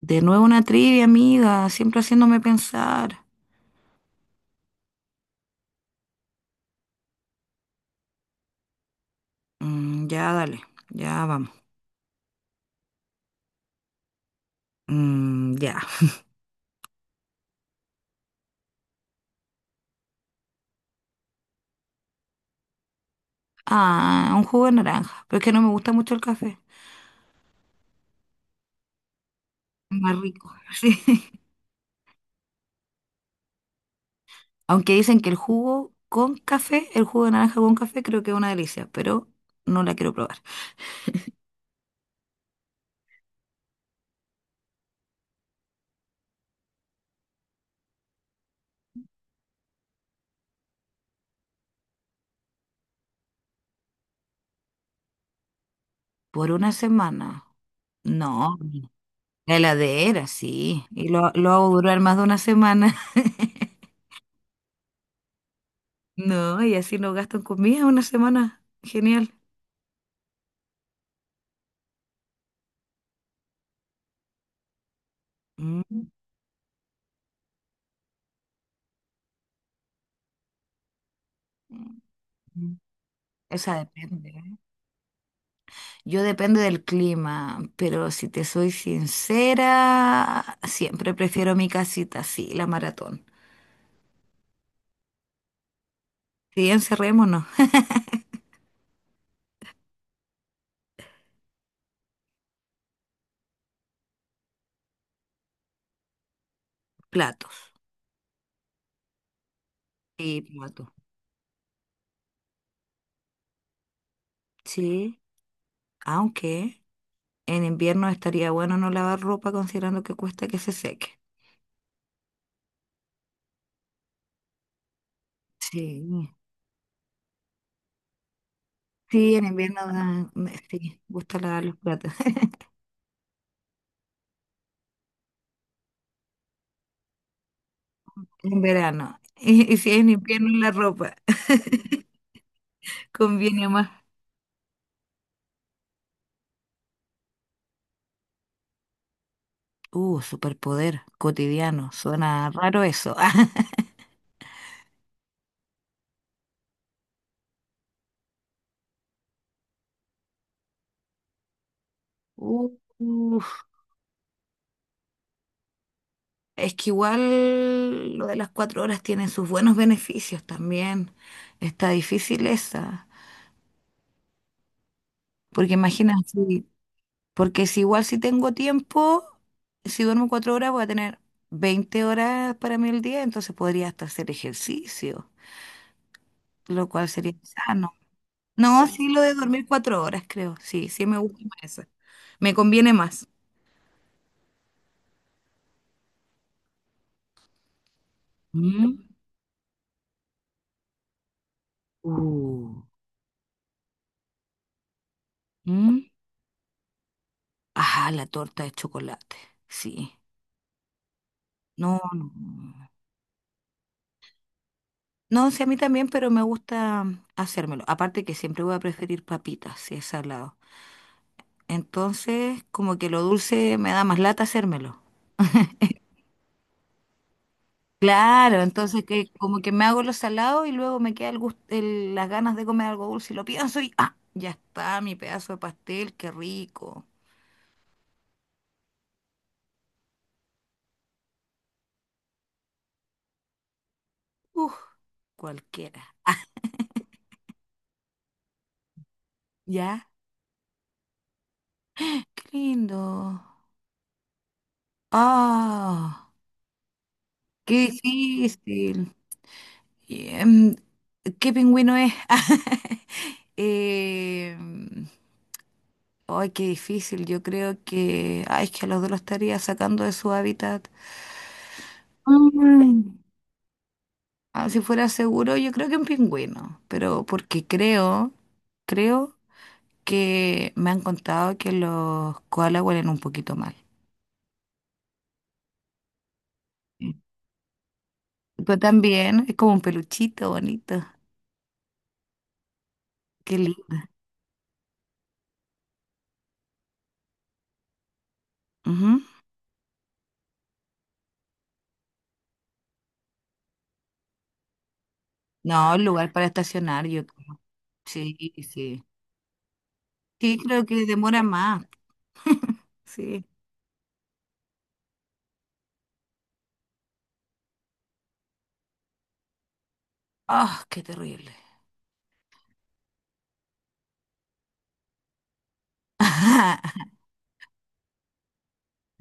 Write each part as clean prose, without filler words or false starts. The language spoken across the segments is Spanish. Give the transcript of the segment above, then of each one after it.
De nuevo una trivia, amiga, siempre haciéndome pensar. Ya, dale, ya vamos. Ya. Ah, un jugo de naranja, pero es que no me gusta mucho el café. Es más rico, sí. Aunque dicen que el jugo con café, el jugo de naranja con café, creo que es una delicia, pero no la quiero probar. Por una semana. No, la heladera, sí. Y lo hago durar más de una semana. No, y así no gasto en comida una semana. Genial. Mm. mm, mm. O sea, depende, ¿eh? Yo depende del clima, pero si te soy sincera, siempre prefiero mi casita, sí, la maratón. Si encerrémonos, platos y platos. Sí, aunque en invierno estaría bueno no lavar ropa considerando que cuesta que se seque. Sí, sí, en invierno sí, gusta lavar los platos. En verano. Y si es en invierno la ropa, conviene más. Superpoder cotidiano. Suena raro eso. u- uf. Es que igual lo de las cuatro horas tiene sus buenos beneficios también. Está difícil esa. Porque imagina, si- Porque si igual si tengo tiempo, si duermo cuatro horas voy a tener 20 horas para mí el día, entonces podría hasta hacer ejercicio, lo cual sería sano. No, sí, lo de dormir cuatro horas, creo. Sí, sí me gusta más esa. Me conviene más. Mm. Uh. Mm. Ajá, la torta de chocolate. Sí. No, no. No, no, sí, a mí también, pero me gusta hacérmelo. Aparte que siempre voy a preferir papitas si es salado. Entonces, como que lo dulce me da más lata hacérmelo. Claro, entonces que como que me hago lo salado y luego me queda las ganas de comer algo dulce y lo pienso y ¡ah! Ya está, mi pedazo de pastel, qué rico. Uf, cualquiera. ¿Ya? Qué lindo. ¡Ah! ¡Qué difícil! Y, ¿qué pingüino es? Eh, ay, qué difícil. Yo creo que, ay, es que a los dos los estaría sacando de su hábitat. Mm. Ah, si fuera seguro, yo creo que un pingüino, pero porque creo, creo que me han contado que los koalas huelen un poquito mal. Sí. Pero también es como un peluchito bonito. Qué lindo. Ujú. No, el lugar para estacionar, yo creo. Sí, sí. Sí, creo que demora más. Sí. Ah, qué terrible.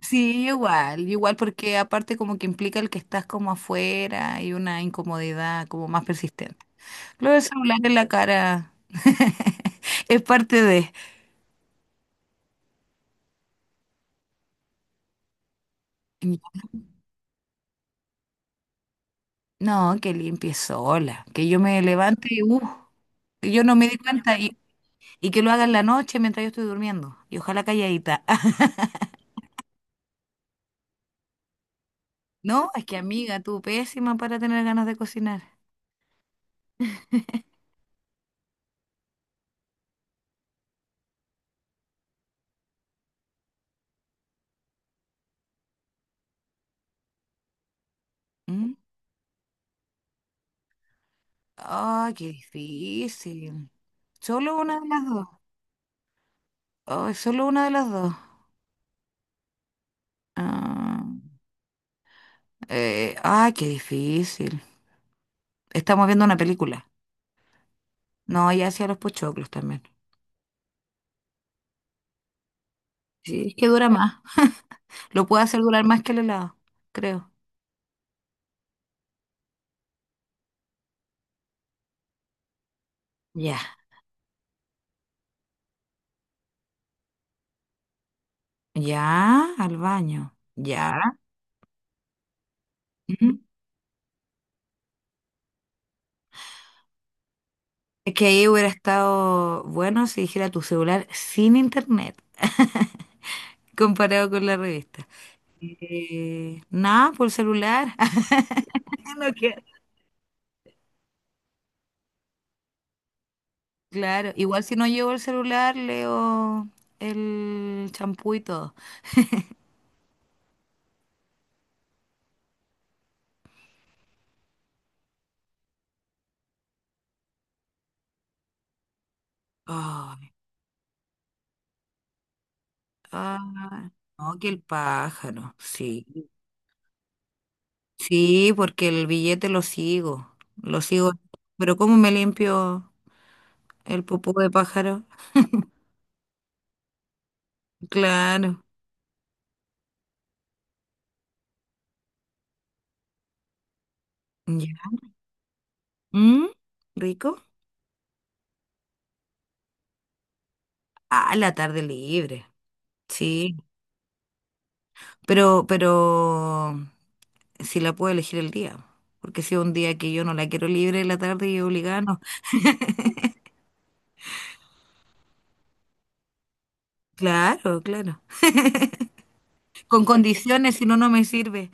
Sí, igual, igual porque aparte como que implica el que estás como afuera y una incomodidad como más persistente. Lo del celular en la cara es parte de... No, que limpie sola, que yo me levante y yo no me di cuenta y que lo haga en la noche mientras yo estoy durmiendo y ojalá calladita. No, es que amiga, tú pésima para tener ganas de cocinar. Mm. Ay, qué difícil. Solo una de las dos. Ay, solo una de las dos. Ah, ay, qué difícil. Estamos viendo una película. No, ya hacía los pochoclos también. Sí, es que dura más. Lo puedo hacer durar más que el helado, creo. Ya. Ya, al baño. Ya. Ujú. Es que ahí hubiera estado bueno si dijera tu celular sin internet, comparado con la revista. Nada, por celular. No, que- Claro, igual si no llevo el celular, leo el champú y todo. Ay, ah, no, que el pájaro, sí. Sí, porque el billete lo sigo. Pero ¿cómo me limpio el popó de pájaro? Claro, ya. ¿Mm? ¿Rico? Ah, la tarde libre, sí. Pero, si la puedo elegir el día, porque si es un día que yo no la quiero libre, la tarde y obligada, no. Claro, claro. Con condiciones, si no, no me sirve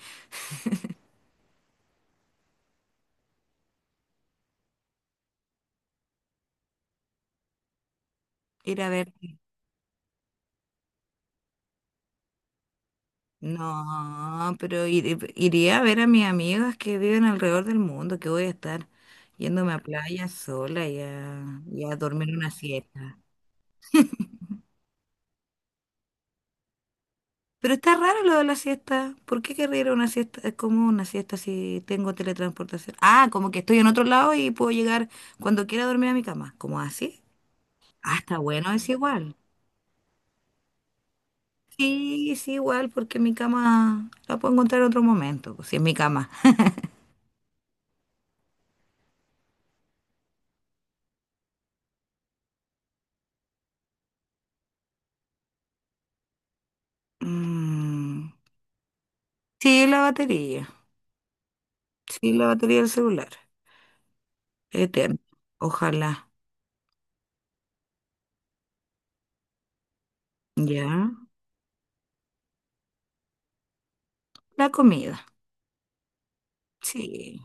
ir a ver. No, pero iría a ver a mis amigas que viven alrededor del mundo, que voy a estar yéndome a playa sola y a dormir una siesta. Pero está raro lo de la siesta. ¿Por qué querría ir a una siesta? Es como una siesta si tengo teletransportación. Ah, como que estoy en otro lado y puedo llegar cuando quiera a dormir a mi cama. ¿Como así? Ah, está bueno, es igual. Sí, es igual porque mi cama la puedo encontrar en otro momento, pues, si es mi cama. Mm, sí, la batería. Sí, la batería del celular. Eterno. Ojalá. Ya. La comida. Sí.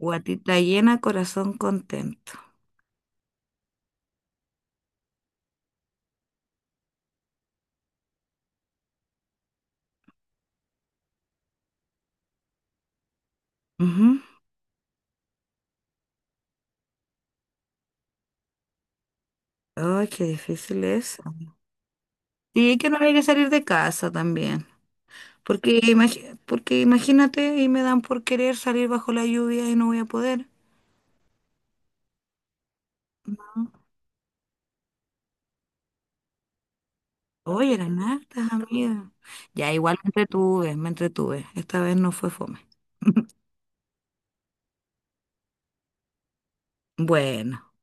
Guatita llena, corazón contento. Ujú. Ay, qué difícil es. Y que no hay que salir de casa también. Porque, porque imagínate, y me dan por querer salir bajo la lluvia y no voy a poder. Oye, eran hartas, amiga. Ya, igual me entretuve, me entretuve. Esta vez no fue fome. Bueno.